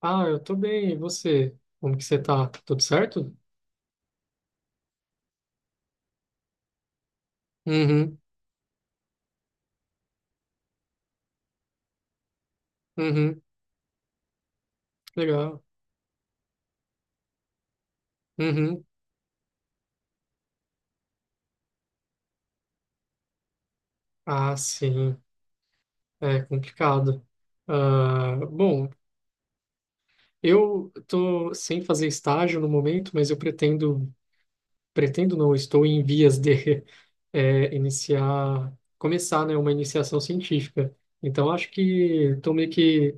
Ah, eu tô bem. E você? Como que você tá? Tudo certo? Uhum, uhum, legal. Uhum. Ah, sim, é complicado. Ah, bom, eu tô sem fazer estágio no momento, mas eu pretendo, pretendo não, estou em vias de iniciar, começar, né, uma iniciação científica. Então, acho que estou meio que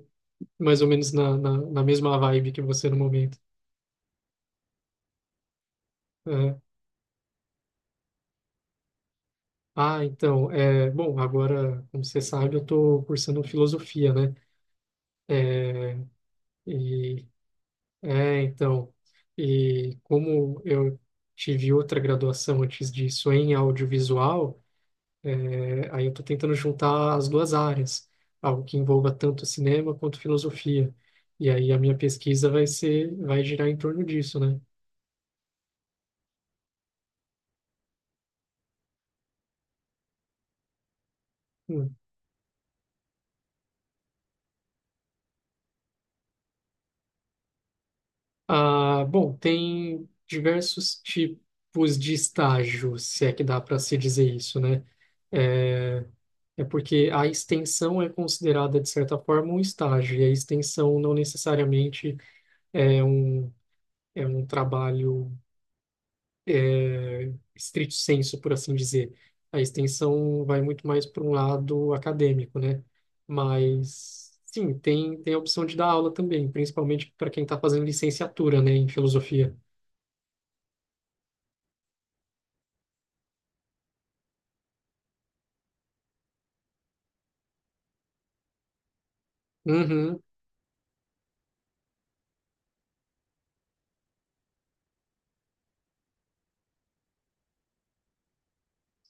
mais ou menos na mesma vibe que você no momento. É. Ah, então, bom, agora, como você sabe, eu estou cursando filosofia, né? É, e, é, então, e como eu tive outra graduação antes disso em audiovisual, aí eu estou tentando juntar as duas áreas, algo que envolva tanto cinema quanto filosofia. E aí a minha pesquisa vai ser, vai girar em torno disso, né? Ah, bom, tem diversos tipos de estágio, se é que dá para se dizer isso, né? É, é porque a extensão é considerada, de certa forma, um estágio, e a extensão não necessariamente é um, é um trabalho estrito sensu, por assim dizer. A extensão vai muito mais para um lado acadêmico, né? Mas, sim, tem a opção de dar aula também, principalmente para quem está fazendo licenciatura, né, em filosofia. Uhum,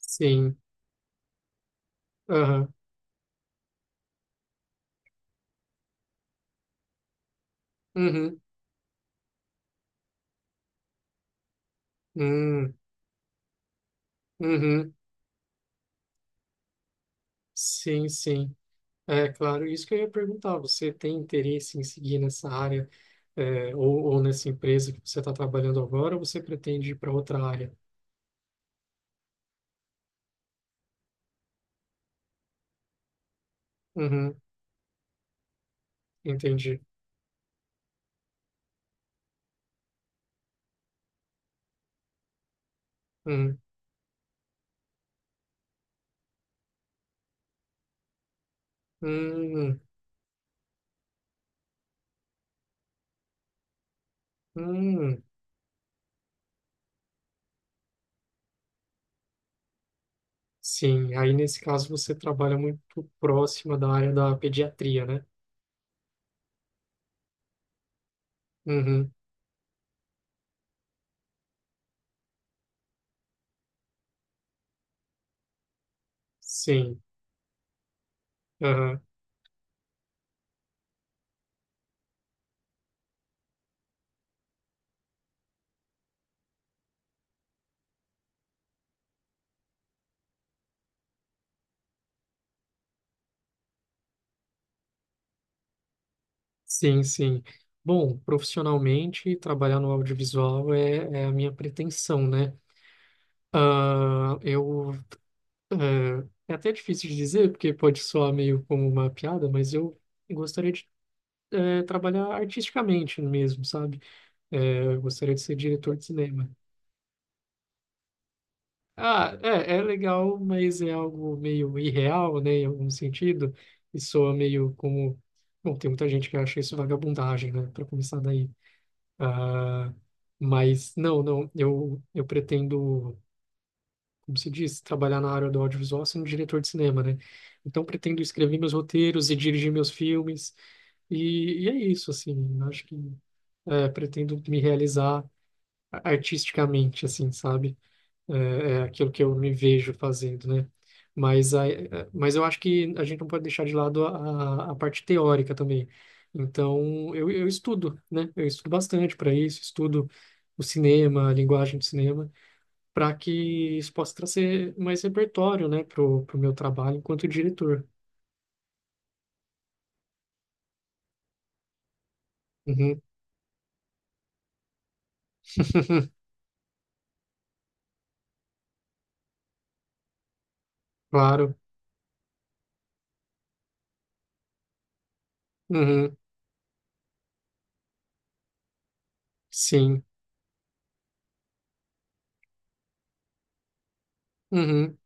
sim. Aham. Uhum. Hum. Uhum. Sim, sim. É claro, isso que eu ia perguntar. Você tem interesse em seguir nessa área, é, ou nessa empresa que você está trabalhando agora, ou você pretende ir para outra área? Uhum. Entendi. Uhum. Hum. Hum. Sim, aí nesse caso você trabalha muito próxima da área da pediatria, né? Uhum. Sim. Aham. Sim, sim. Bom, profissionalmente, trabalhar no audiovisual é a minha pretensão, né? Ah, eu. É até difícil de dizer, porque pode soar meio como uma piada, mas eu gostaria de trabalhar artisticamente mesmo, sabe? Eu gostaria de ser diretor de cinema. Ah, é, é legal, mas é algo meio irreal, né, em algum sentido, e soa meio como. Bom, tem muita gente que acha isso vagabundagem, né, para começar daí. Ah, mas, não, não, eu pretendo. Como se diz, trabalhar na área do audiovisual sendo diretor de cinema, né? Então pretendo escrever meus roteiros e dirigir meus filmes, e é isso, assim, eu acho que pretendo me realizar artisticamente, assim, sabe? É, é aquilo que eu me vejo fazendo, né? Mas, a, mas eu acho que a gente não pode deixar de lado a parte teórica também. Então, eu estudo, né? Eu estudo bastante para isso, estudo o cinema, a linguagem do cinema para que isso possa trazer mais repertório, né, pro meu trabalho enquanto diretor. Uhum, claro. Uhum, sim. Uhum,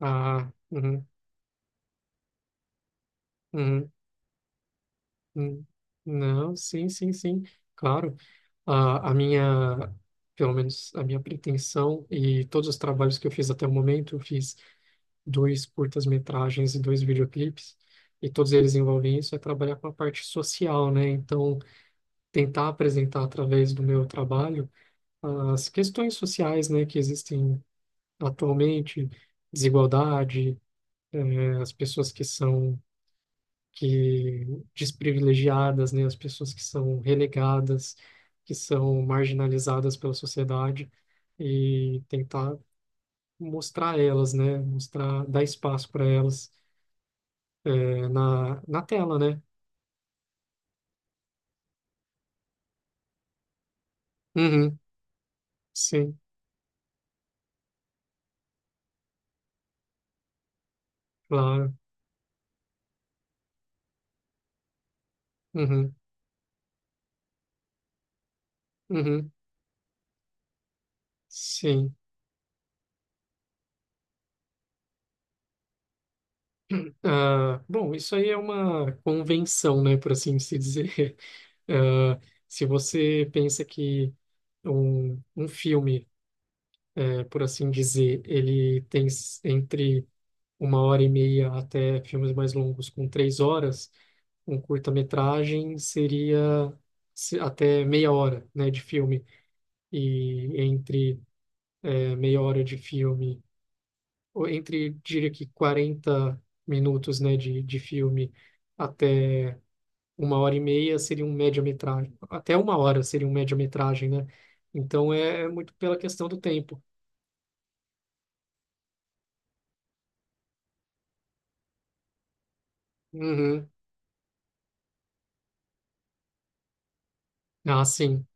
ah, uhum, uhum, uhum. Não, sim, sim, sim, claro. A minha, pelo menos a minha pretensão e todos os trabalhos que eu fiz até o momento, eu fiz dois curtas-metragens e dois videoclipes, e todos eles envolvem isso, é trabalhar com a parte social, né? Então, tentar apresentar através do meu trabalho as questões sociais, né, que existem atualmente, desigualdade, as pessoas que são que desprivilegiadas, né, as pessoas que são relegadas, que são marginalizadas pela sociedade e tentar mostrar elas, né, mostrar, dar espaço para elas, na tela, né? Uhum, sim, claro. Uhum, uhum, sim. Ah, bom, isso aí é uma convenção, né, por assim se dizer. Ah, se você pensa que um filme, por assim dizer, ele tem s- entre uma hora e meia até filmes mais longos com três horas, um curta-metragem seria se- até meia hora, né, de filme. E entre, meia hora de filme ou entre, diria que 40 minutos, né, de filme até uma hora e meia seria um média-metragem. Até uma hora seria um média-metragem, né? Então é, é muito pela questão do tempo. Uhum. Ah, sim.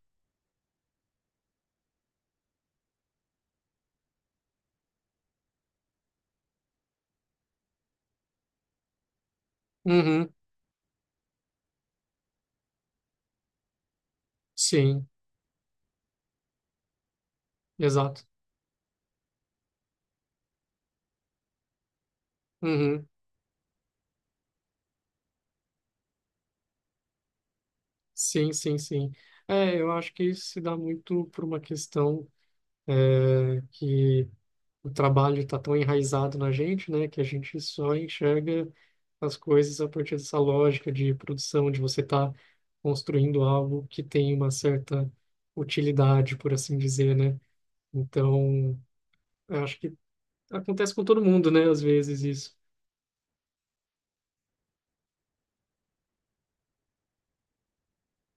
Uhum. Sim, exato. Uhum. Sim, sim, sim. É, eu acho que isso se dá muito por uma questão que o trabalho está tão enraizado na gente, né, que a gente só enxerga as coisas a partir dessa lógica de produção, de você estar construindo algo que tem uma certa utilidade, por assim dizer, né? Então, eu acho que acontece com todo mundo, né, às vezes isso.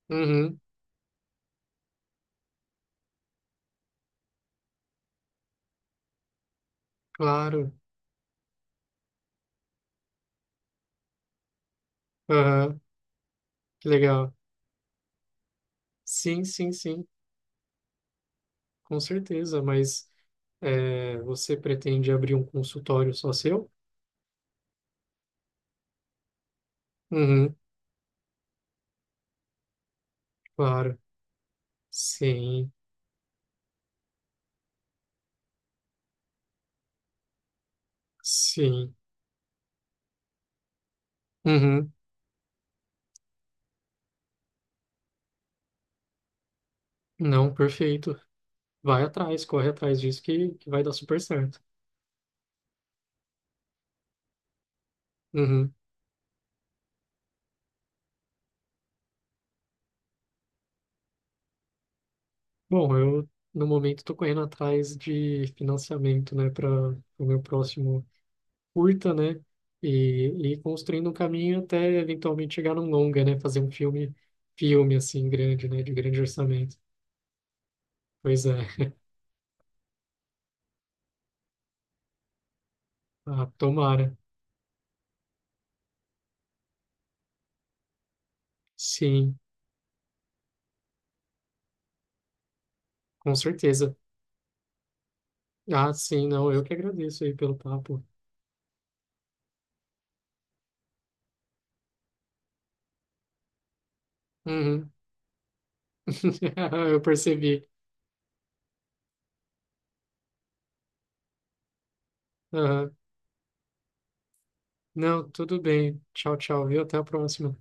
Uhum, claro. Aham, que legal. Sim, sim, sim, com certeza, mas é, você pretende abrir um consultório só seu? Uhum, claro. Sim, sim. Uhum. Não, perfeito. Vai atrás, corre atrás disso que vai dar super certo. Uhum. Bom, eu no momento estou correndo atrás de financiamento, né, para o meu próximo curta, né, e, e construindo um caminho até eventualmente chegar num longa, né, fazer um filme, filme assim grande, né, de grande orçamento. Pois é, ah, tomara. Sim, com certeza. Ah, sim, não, eu que agradeço aí pelo papo. Uhum. Eu percebi. Aham. Não, tudo bem. Tchau, tchau, viu? Até a próxima.